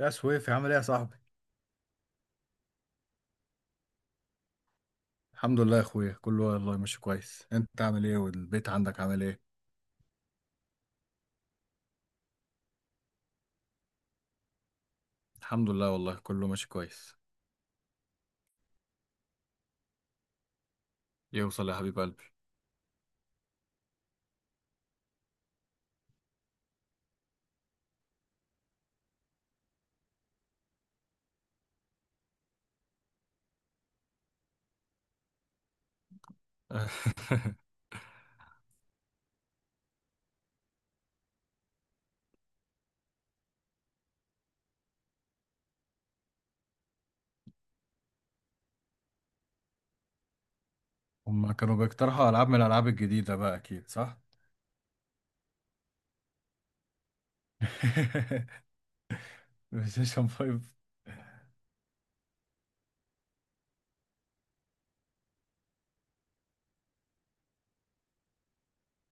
يا سويفي عامل ايه يا صاحبي؟ الحمد لله يا اخويا، كله والله ماشي كويس. انت عامل ايه والبيت عندك عامل ايه؟ الحمد لله والله كله ماشي كويس. يوصل يا حبيب قلبي. هما كانوا بيقترحوا العاب من الالعاب الجديده بقى، اكيد صح. بلاي ستيشن 5.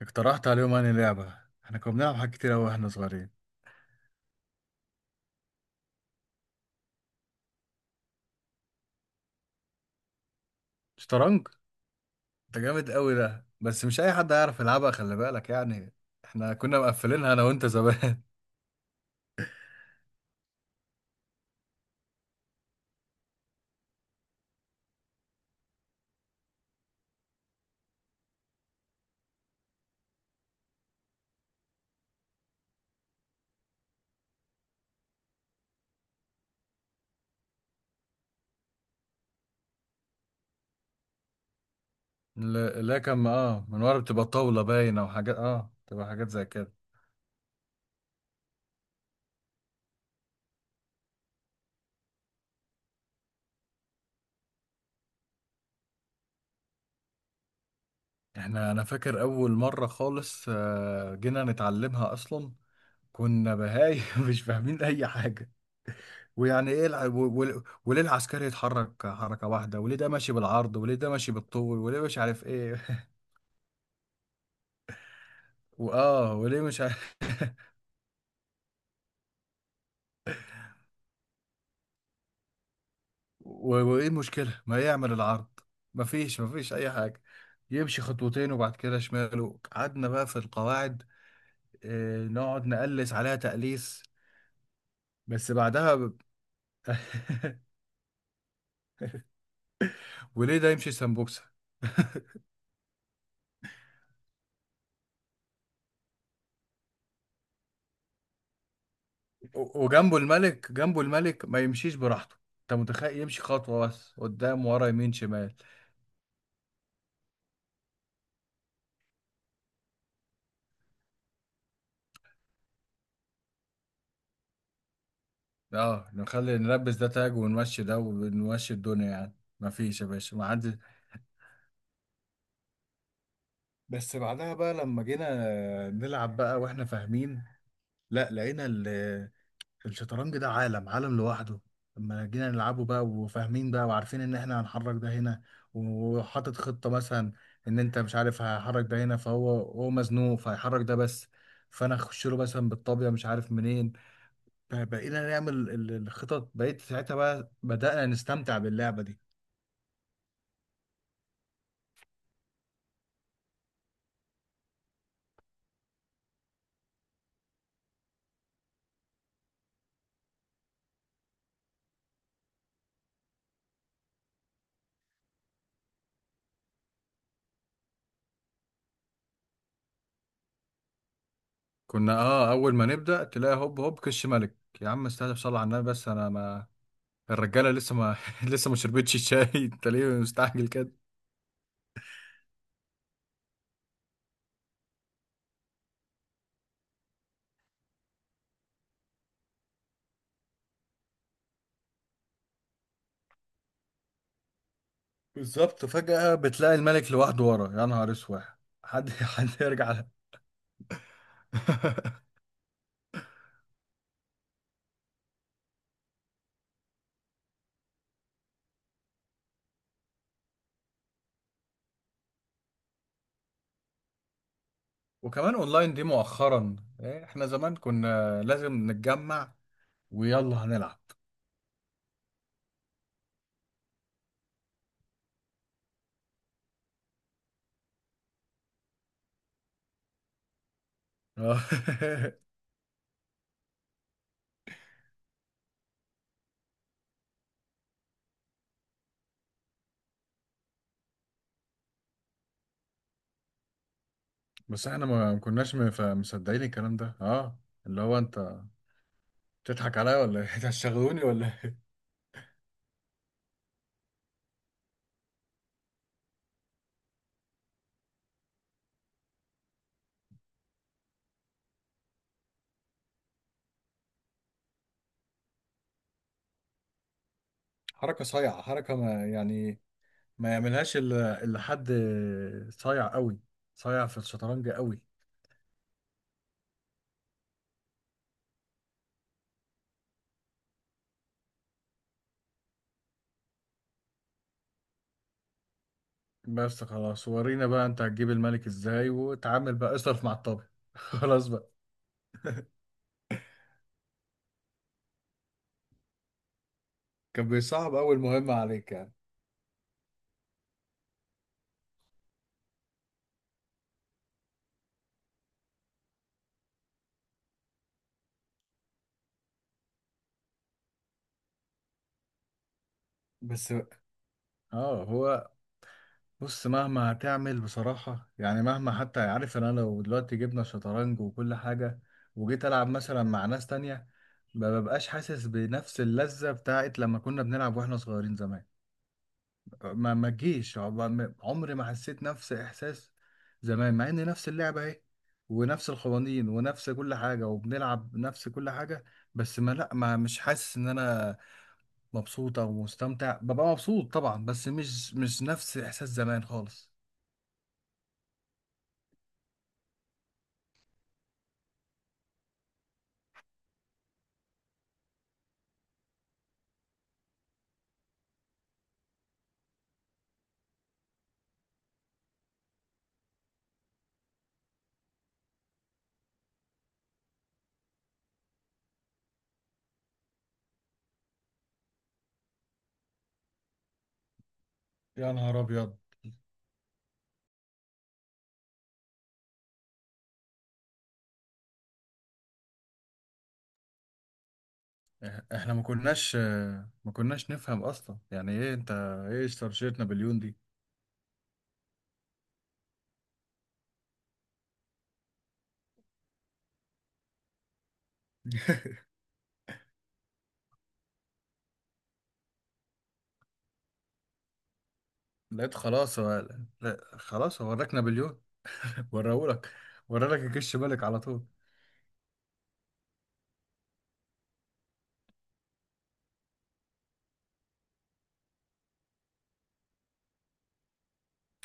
اقترحت عليهم انهي لعبه؟ احنا كنا بنلعب حاجات كتير قوي واحنا صغيرين. شطرنج. ده جامد قوي ده، بس مش اي حد هيعرف يلعبها، خلي بالك يعني. احنا كنا مقفلينها انا وانت زمان. لا، لا، كان اه من ورا بتبقى طاولة باينة، وحاجات اه بتبقى حاجات زي كده. انا فاكر اول مرة خالص، جينا نتعلمها اصلا. كنا بهاي مش فاهمين اي حاجة. ويعني ايه الع... و... و... وليه العسكري يتحرك حركة واحدة، وليه ده ماشي بالعرض، وليه ده ماشي بالطول، وليه مش عارف ايه؟ واه وليه مش عارف. و... وايه المشكلة ما يعمل العرض؟ مفيش اي حاجة. يمشي خطوتين وبعد كده شماله. قعدنا بقى في القواعد، نقعد نقلس عليها تقليس. بس بعدها ب... وليه ده يمشي سمبوكسة؟ و- وجنبه الملك، جنبه الملك ما يمشيش براحته؟ انت متخيل يمشي خطوة بس قدام ورا يمين شمال؟ اه نخلي نلبس ده تاج ونمشي ده، ونمشي الدنيا يعني. ما فيش يا باشا ما عندي. بس بعدها بقى لما جينا نلعب بقى واحنا فاهمين، لا لقينا الشطرنج ده عالم، عالم لوحده. لما جينا نلعبه بقى وفاهمين بقى، وعارفين ان احنا هنحرك ده هنا، وحاطط خطة مثلا ان انت مش عارف هحرك ده هنا، فهو مزنوق فهيحرك ده بس، فانا اخش له مثلا بالطابية مش عارف منين. ب- بقينا نعمل الخطط، بقيت ساعتها بقى بدأنا نستمتع باللعبة دي. كنا اه اول ما نبدا تلاقي هوب هوب كش ملك. يا عم استهدف صلى على النبي، بس انا ما... الرجاله لسه ما لسه ما شربتش الشاي. انت ليه مستعجل كده؟ بالظبط، فجأة بتلاقي الملك لوحده ورا، يا نهار اسود. حد حد يرجع له. وكمان اونلاين دي مؤخرا إيه، احنا زمان كنا لازم نتجمع ويلا هنلعب. آه. بس احنا ما كناش مصدقين الكلام ده اه. اللي هو انت بتضحك عليا ولا ايه؟ إنت هتشغلوني ولا إيه؟ حركة صايعة، حركة ما يعني، ما يعملهاش إلا حد صايع قوي، صايع في الشطرنج قوي. بس خلاص، ورينا بقى انت هتجيب الملك ازاي، وتعامل بقى اصرف مع الطابع. خلاص بقى. كان بيصعب اول مهمة عليك يعني. بس بقى. اه هو، بص مهما هتعمل بصراحة يعني، مهما حتى، عارف ان انا لو دلوقتي جبنا شطرنج وكل حاجة، وجيت العب مثلا مع ناس تانية، ما ببقاش حاسس بنفس اللذة بتاعت لما كنا بنلعب واحنا صغيرين زمان. ما تجيش عمري ما حسيت نفس احساس زمان، مع ان نفس اللعبه اهي، ونفس القوانين، ونفس كل حاجه، وبنلعب نفس كل حاجه. بس ما لا ما مش حاسس ان انا مبسوط او مستمتع، ببقى مبسوط طبعا، بس مش نفس احساس زمان خالص. يا نهار ابيض. احنا ما كناش ما كناش نفهم اصلا يعني ايه. انت ايه اشترشيت نابليون دي؟ لقيت خلاص هو، لا خلاص هو وراك نابليون. وراهولك، ورالك الجيش، بالك على طول.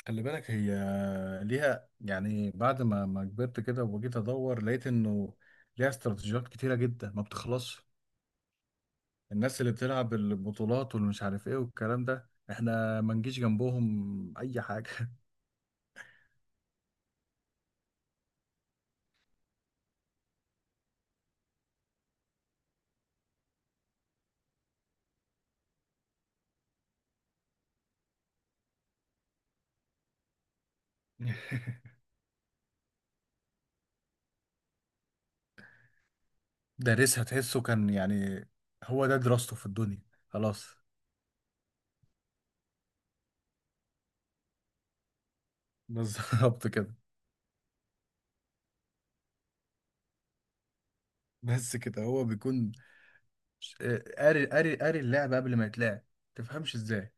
خلي بالك هي، ليها يعني، بعد ما كبرت كده وجيت ادور، لقيت انه ليها استراتيجيات كتيره جدا ما بتخلصش. الناس اللي بتلعب البطولات والمش عارف ايه والكلام ده، احنا ما نجيش جنبهم اي حاجه. دارسها، تحسه كان يعني هو ده دراسته في الدنيا. خلاص. بالظبط كده. بس كده هو بيكون قاري، قاري اللعبه قبل ما يتلعب. تفهمش ازاي؟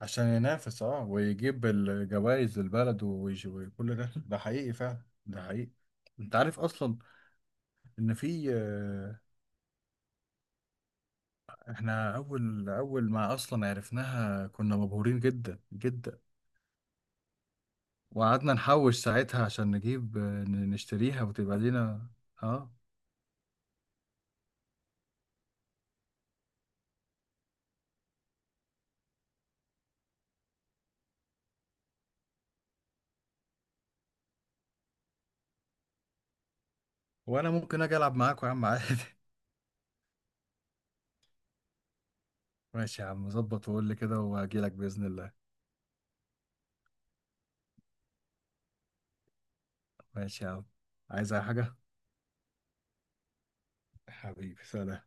عشان ينافس اه، ويجيب الجوائز للبلد، وكل ده، ده حقيقي فعلا، ده حقيقي. انت عارف اصلا ان في، آه، احنا اول ما اصلا عرفناها كنا مبهورين جدا جدا. وقعدنا نحوش ساعتها عشان نجيب، آه، نشتريها وتبقى لينا اه. وانا ممكن اجي العب معاكوا يا عم عادي. ماشي يا عم، ظبط وقول لي كده وهجيلك باذن الله. ماشي يا عم. عايز اي حاجه؟ حبيبي سلام.